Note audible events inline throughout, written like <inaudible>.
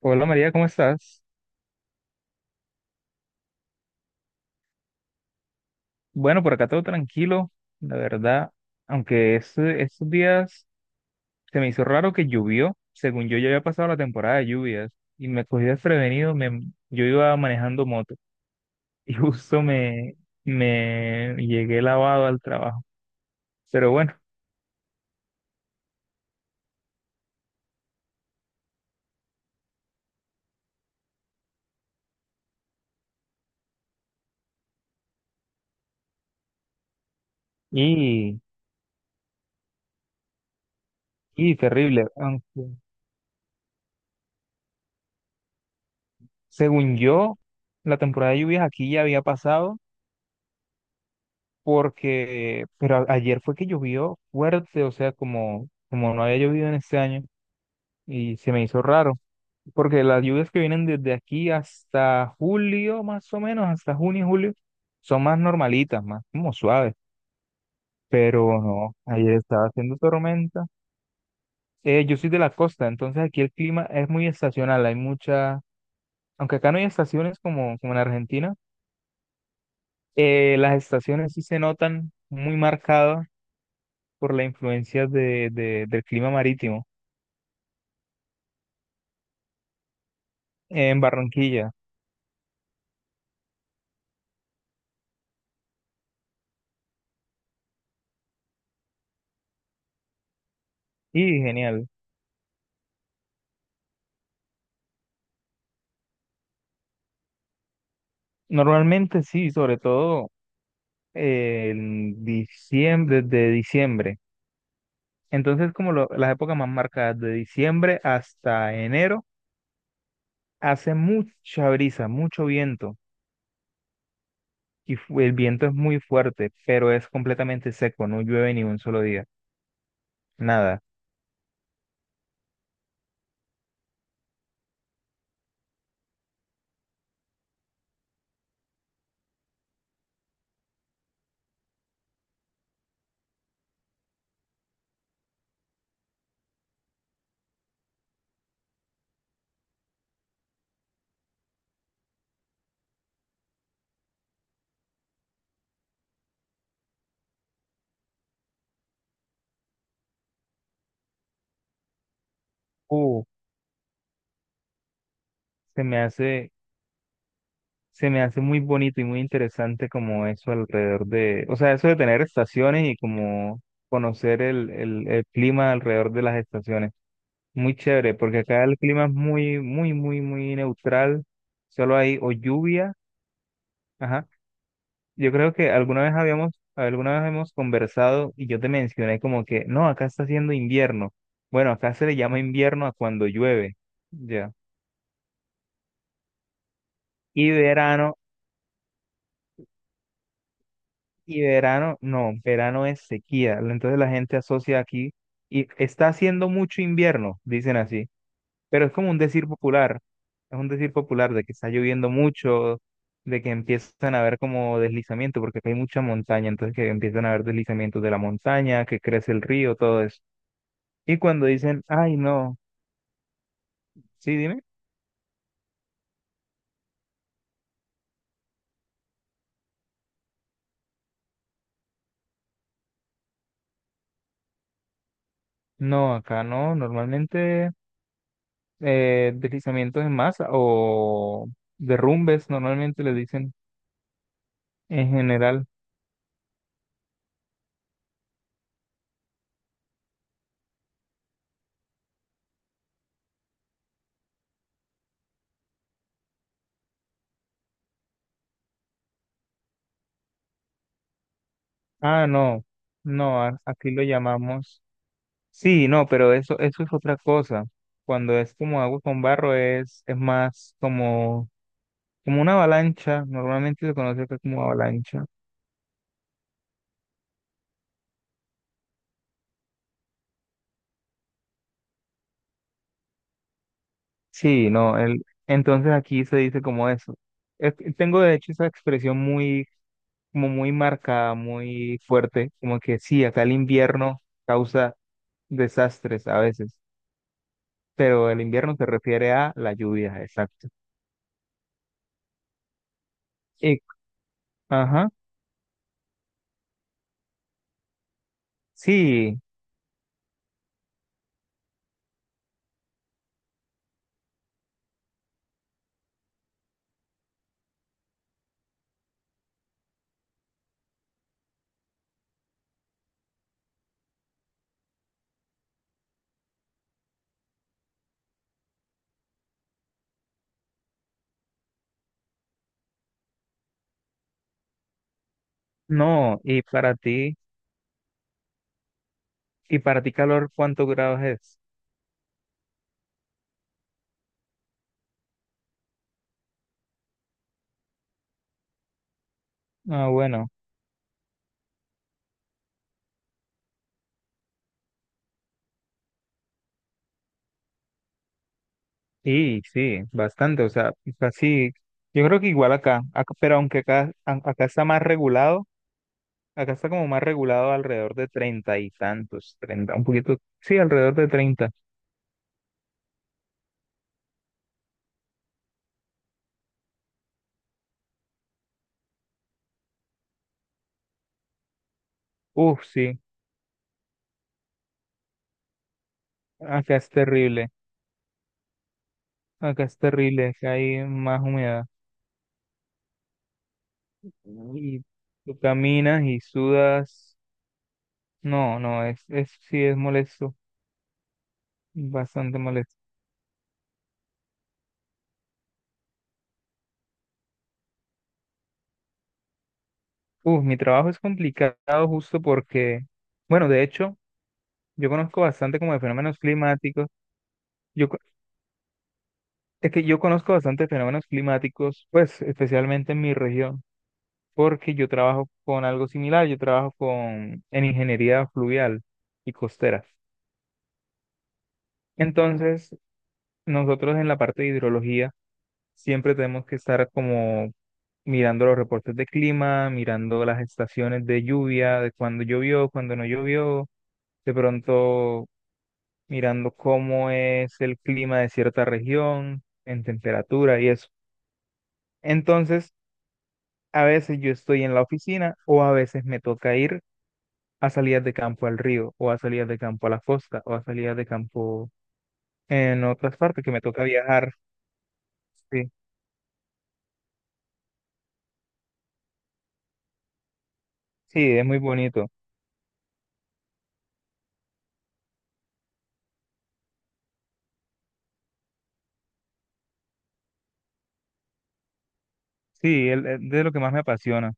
Hola María, ¿cómo estás? Bueno, por acá todo tranquilo, la verdad, aunque estos días se me hizo raro que llovió, según yo ya había pasado la temporada de lluvias y me cogí desprevenido, yo iba manejando moto y <laughs> justo me llegué lavado al trabajo, pero bueno, y, y terrible, aunque según yo la temporada de lluvias aquí ya había pasado pero ayer fue que llovió fuerte, o sea, como no había llovido en este año. Y se me hizo raro, porque las lluvias que vienen desde aquí hasta julio, más o menos, hasta junio, julio, son más normalitas, más como suaves, pero no, ayer estaba haciendo tormenta. Yo soy de la costa, entonces aquí el clima es muy estacional, hay mucha, aunque acá no hay estaciones como en Argentina, las estaciones sí se notan muy marcadas por la influencia del clima marítimo en Barranquilla, y genial. Normalmente sí, sobre todo en diciembre, desde diciembre. Entonces, como las épocas más marcadas, de diciembre hasta enero, hace mucha brisa, mucho viento, y el viento es muy fuerte, pero es completamente seco, no llueve ni un solo día, nada. Uh, se me hace, se me hace muy bonito y muy interesante como eso alrededor de, o sea, eso de tener estaciones y como conocer el clima alrededor de las estaciones. Muy chévere, porque acá el clima es muy, muy, muy, muy neutral. Solo hay o lluvia. Ajá. Yo creo que alguna vez hemos conversado y yo te mencioné como que, no, acá está haciendo invierno. Bueno, acá se le llama invierno a cuando llueve. Ya. Y verano, y verano, no, verano es sequía. Entonces la gente asocia aquí y está haciendo mucho invierno, dicen así. Pero es como un decir popular, es un decir popular de que está lloviendo mucho, de que empiezan a haber como deslizamientos, porque acá hay mucha montaña, entonces que empiezan a haber deslizamientos de la montaña, que crece el río, todo eso. Y cuando dicen, ay, no, sí, dime, no, acá no, normalmente, deslizamientos en masa o derrumbes, normalmente le dicen en general, ah, no, no, aquí lo llamamos. Sí, no, pero eso es otra cosa. Cuando es como agua con barro es más como, como una avalancha. Normalmente se conoce acá como avalancha. Sí, no, el, entonces aquí se dice como eso. Tengo de hecho esa expresión muy, como muy marcada, muy fuerte, como que sí, acá el invierno causa desastres a veces, pero el invierno se refiere a la lluvia, exacto. Y, ajá, sí, no, y para ti. ¿Y para ti calor cuántos grados es? Ah, bueno, sí, sí, bastante, o sea, casi, yo creo que igual acá, pero aunque acá, acá está más regulado, acá está como más regulado alrededor de 30 y tantos, 30, un poquito, sí, alrededor de 30. Uf, sí, acá es terrible, acá es terrible, acá hay más humedad. Y tú caminas y sudas, no, no, es, sí, es molesto, bastante molesto. Uf, mi trabajo es complicado justo porque, bueno, de hecho, yo conozco bastante como de fenómenos climáticos. Yo, co- es que yo conozco bastante fenómenos climáticos, pues especialmente en mi región, porque yo trabajo con algo similar, yo trabajo con, en ingeniería fluvial y costera. Entonces, nosotros en la parte de hidrología siempre tenemos que estar como mirando los reportes de clima, mirando las estaciones de lluvia, de cuando llovió, cuando no llovió, de pronto mirando cómo es el clima de cierta región, en temperatura y eso. Entonces, a veces yo estoy en la oficina o a veces me toca ir a salidas de campo al río o a salidas de campo a la costa o a salidas de campo en otras partes que me toca viajar. Sí, sí, es muy bonito. Sí, de lo que más me apasiona,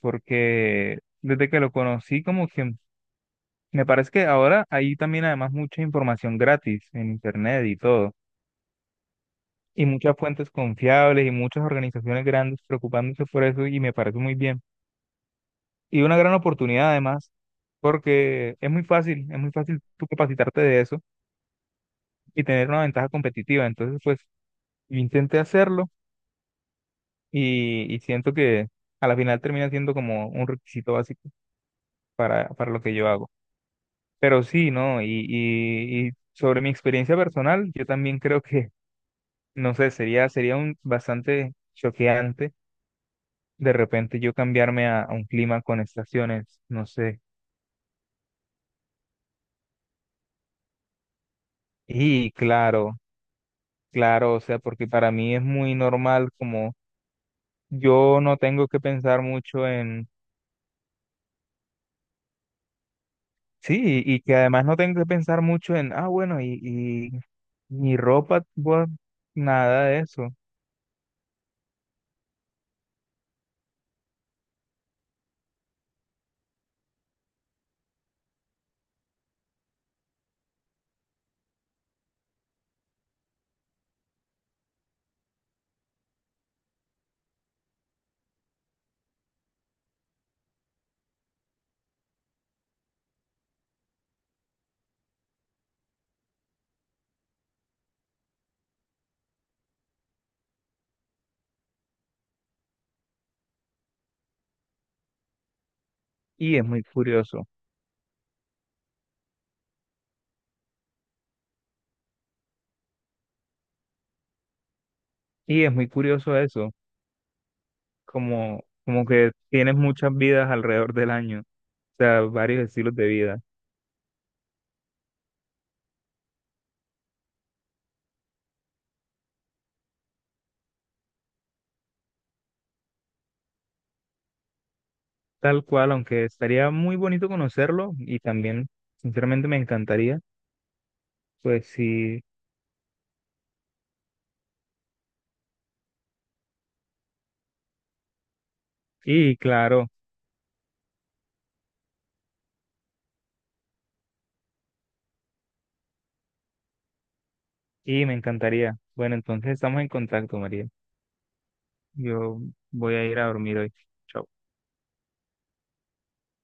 porque desde que lo conocí como que me parece que ahora hay también además mucha información gratis en internet y todo. Y muchas fuentes confiables y muchas organizaciones grandes preocupándose por eso y me parece muy bien. Y una gran oportunidad además, porque es muy fácil tú capacitarte de eso y tener una ventaja competitiva. Entonces, pues yo intenté hacerlo y siento que a la final termina siendo como un requisito básico para lo que yo hago. Pero sí, ¿no? Y sobre mi experiencia personal, yo también creo que, no sé, sería un bastante choqueante de repente yo cambiarme a un clima con estaciones, no sé. Y claro, claro, o sea, porque para mí es muy normal como yo no tengo que pensar mucho en, sí, y que además no tengo que pensar mucho en, ah, bueno, y mi ropa, bueno, nada de eso. Y es muy curioso, y es muy curioso eso, como, como que tienes muchas vidas alrededor del año, o sea, varios estilos de vida. Tal cual, aunque estaría muy bonito conocerlo y también, sinceramente, me encantaría. Pues sí, y claro, y me encantaría. Bueno, entonces estamos en contacto, María. Yo voy a ir a dormir hoy. Chao.